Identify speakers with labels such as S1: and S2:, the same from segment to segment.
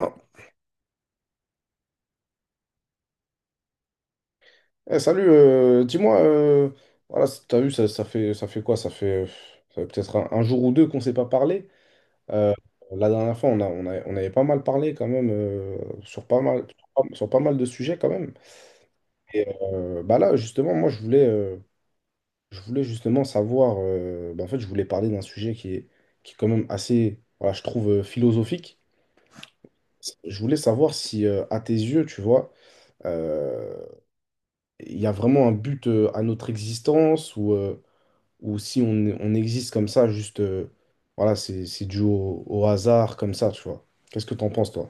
S1: Ah. Dis-moi, voilà, t'as vu, ça fait quoi? Ça fait peut-être un jour ou deux qu'on s'est pas parlé. Euh, la dernière fois, on avait pas mal parlé quand même sur pas mal, sur pas mal de sujets quand même. Et bah là, justement, moi, je voulais justement savoir. Bah, en fait, je voulais parler d'un sujet qui est quand même assez, voilà, je trouve philosophique. Je voulais savoir si, à tes yeux, tu vois, euh, il y a vraiment un but à notre existence ou. Ou si on existe comme ça, juste, voilà, c'est dû au hasard, comme ça, tu vois. Qu'est-ce que t'en penses, toi?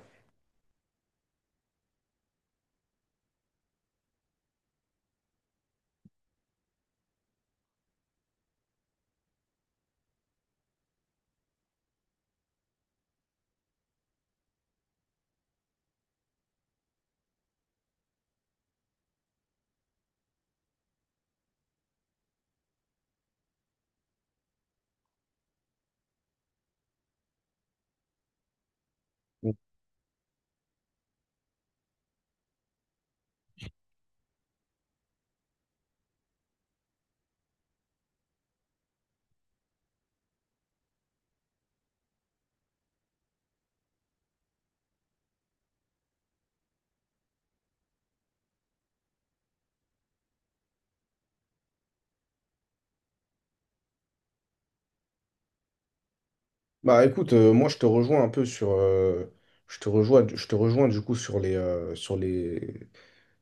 S1: Bah écoute, moi je te rejoins un peu sur, je te rejoins du coup sur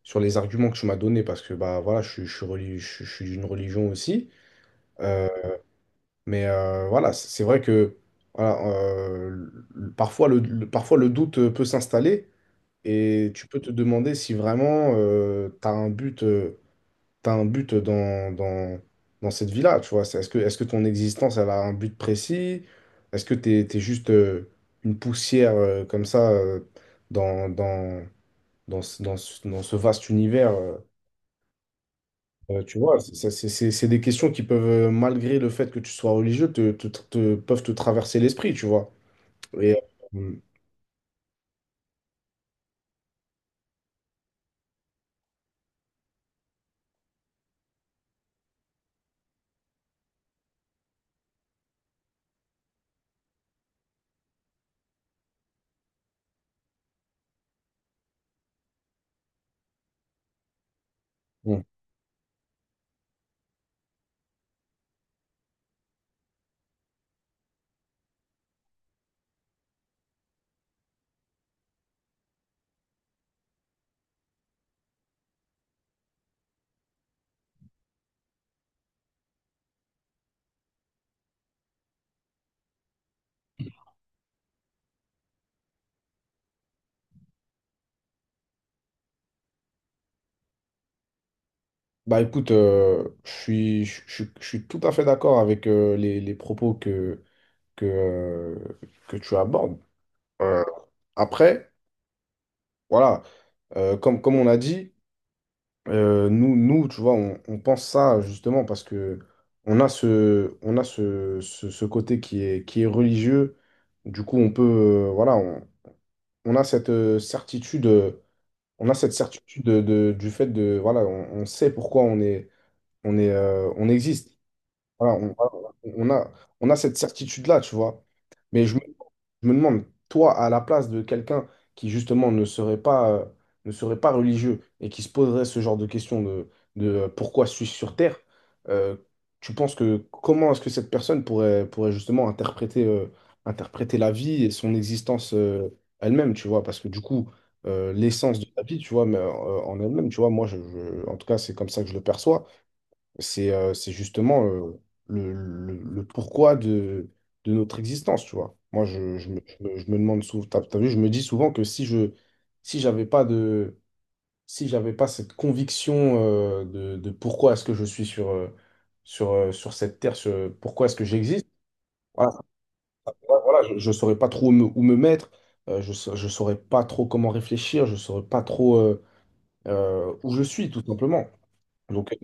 S1: sur les arguments que tu m'as donnés parce que bah voilà, je suis d'une religion aussi. Euh, mais voilà, c'est vrai que voilà, parfois parfois le doute peut s'installer et tu peux te demander si vraiment tu as un but. T'as un but dans cette vie-là, tu vois. Est-ce que ton existence, elle a un but précis? Est-ce que t'es juste une poussière comme ça dans, dans, dans ce vaste univers tu vois, c'est des questions qui peuvent, malgré le fait que tu sois religieux, peuvent te traverser l'esprit, tu vois. Et, euh, bon. Bah écoute, je suis tout à fait d'accord avec les propos que, euh, que tu abordes. Euh, Après, voilà, comme on a dit, nous, tu vois, on pense ça justement parce que on a ce côté qui est religieux. Du coup, on peut, voilà, on a cette certitude, on a cette certitude du fait de, voilà, on sait pourquoi on est, on existe. Voilà, voilà, on a, on a cette certitude-là, tu vois. Mais je me, je me demande, toi, à la place de quelqu'un qui, justement, ne serait pas religieux et qui se poserait ce genre de questions de pourquoi suis-je sur Terre, euh, tu penses que comment est-ce que cette personne pourrait justement interpréter, interpréter la vie et son existence, elle-même, tu vois? Parce que du coup, l'essence de la vie, tu vois, mais, en elle-même, tu vois, moi, en tout cas, c'est comme ça que je le perçois, c'est justement le pourquoi de notre existence, tu vois. Moi, je me demande souvent, t'as vu, je me dis souvent que si je, si j'avais pas de, si j'avais pas cette conviction de pourquoi est-ce que je suis sur sur cette terre, pourquoi est-ce que j'existe, voilà, ça, voilà, je saurais pas trop où me mettre, je saurais pas trop comment réfléchir, je saurais pas trop où je suis, tout simplement. Donc,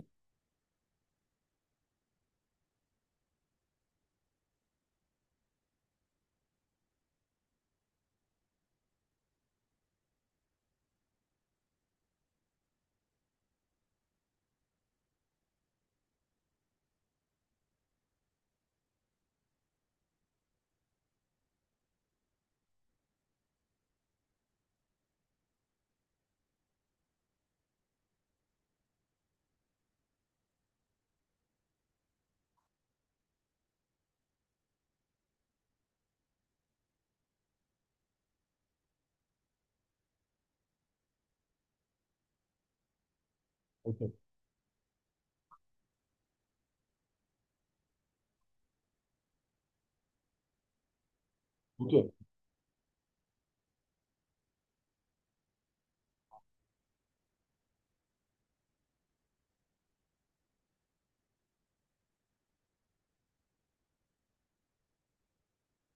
S1: ok, ok.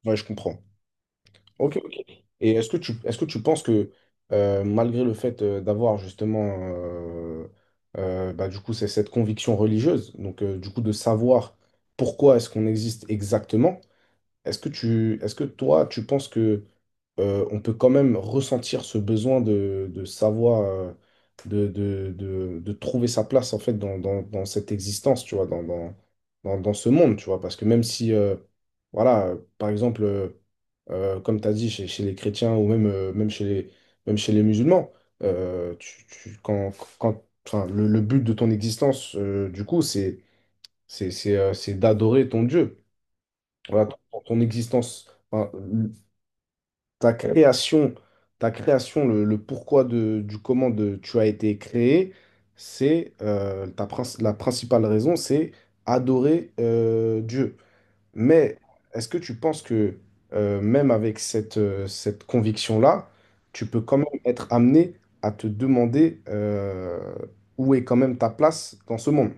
S1: Ouais, je comprends. Ok, ok. Et est-ce que tu penses que malgré le fait d'avoir justement bah, du coup c'est cette conviction religieuse, donc du coup de savoir pourquoi est-ce qu'on existe exactement, est-ce que toi tu penses que on peut quand même ressentir ce besoin de savoir, de trouver sa place en fait dans cette existence, tu vois, dans ce monde, tu vois, parce que même si, voilà, par exemple, comme tu as dit, chez les chrétiens ou même, même, même chez les musulmans, euh, tu, tu- quand, quand, enfin, le but de ton existence, du coup, c'est d'adorer ton Dieu. Voilà, ton existence. Enfin, ta création, ta création, le pourquoi de, du comment de, tu as été créé, c'est la principale raison, c'est adorer Dieu. Mais est-ce que tu penses que même avec cette conviction-là, tu peux quand même être amené à te demander où est quand même ta place dans ce monde?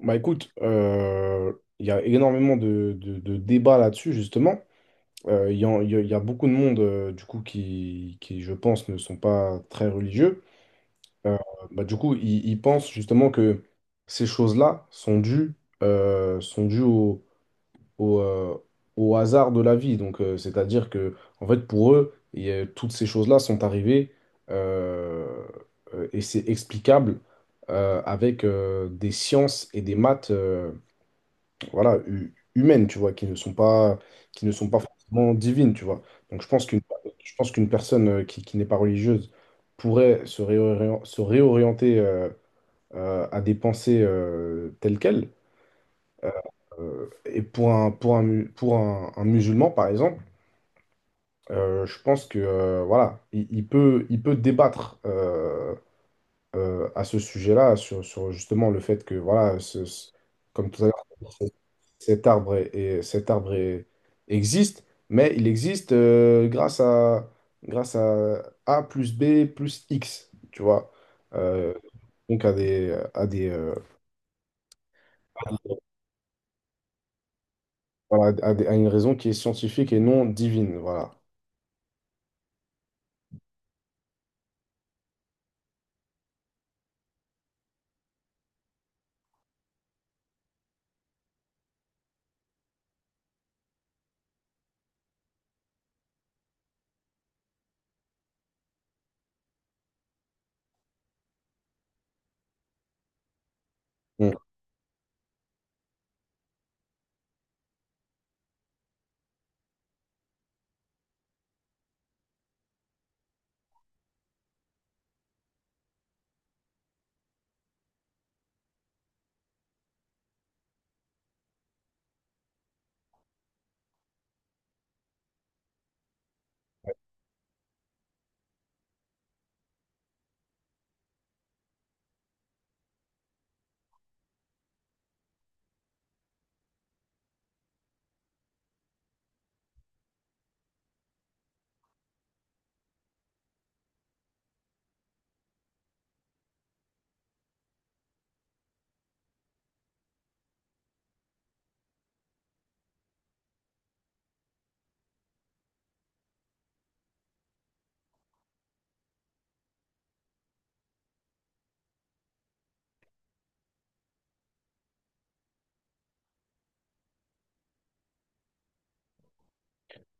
S1: Bah écoute, il y a énormément de, de débats là-dessus, justement. Il y a, beaucoup de monde, du coup, qui, je pense, ne sont pas très religieux. Euh, Bah, du coup, ils pensent justement que ces choses-là sont dues au, euh, au hasard de la vie. Donc, c'est-à-dire que, en fait, pour eux, toutes ces choses-là sont arrivées euh, et c'est explicable avec des sciences et des maths voilà, humaines, tu vois, qui ne sont pas forcément divines, tu vois. Donc je pense qu'une personne qui n'est pas religieuse pourrait se réorienter à des pensées telles quelles. Et pour un musulman, par exemple, je pense que voilà, il peut débattre à ce sujet-là sur, sur justement le fait que voilà, comme tout à l'heure, cet arbre, cet arbre existe, mais il existe grâce à A plus B plus X, tu vois. Euh, donc voilà, à une raison qui est scientifique et non divine, voilà. Donc,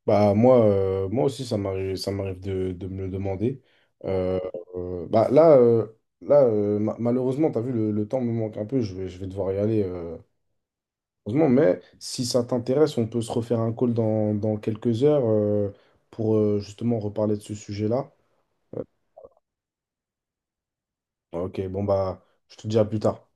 S1: bah, moi, moi aussi, ça m'arrive de me le demander. Euh, bah, là malheureusement, tu as vu, le temps me manque un peu, je vais devoir y aller. Heureusement, mais si ça t'intéresse, on peut se refaire un call dans quelques heures pour justement reparler de ce sujet-là. Ok, bon bah, je te dis à plus tard.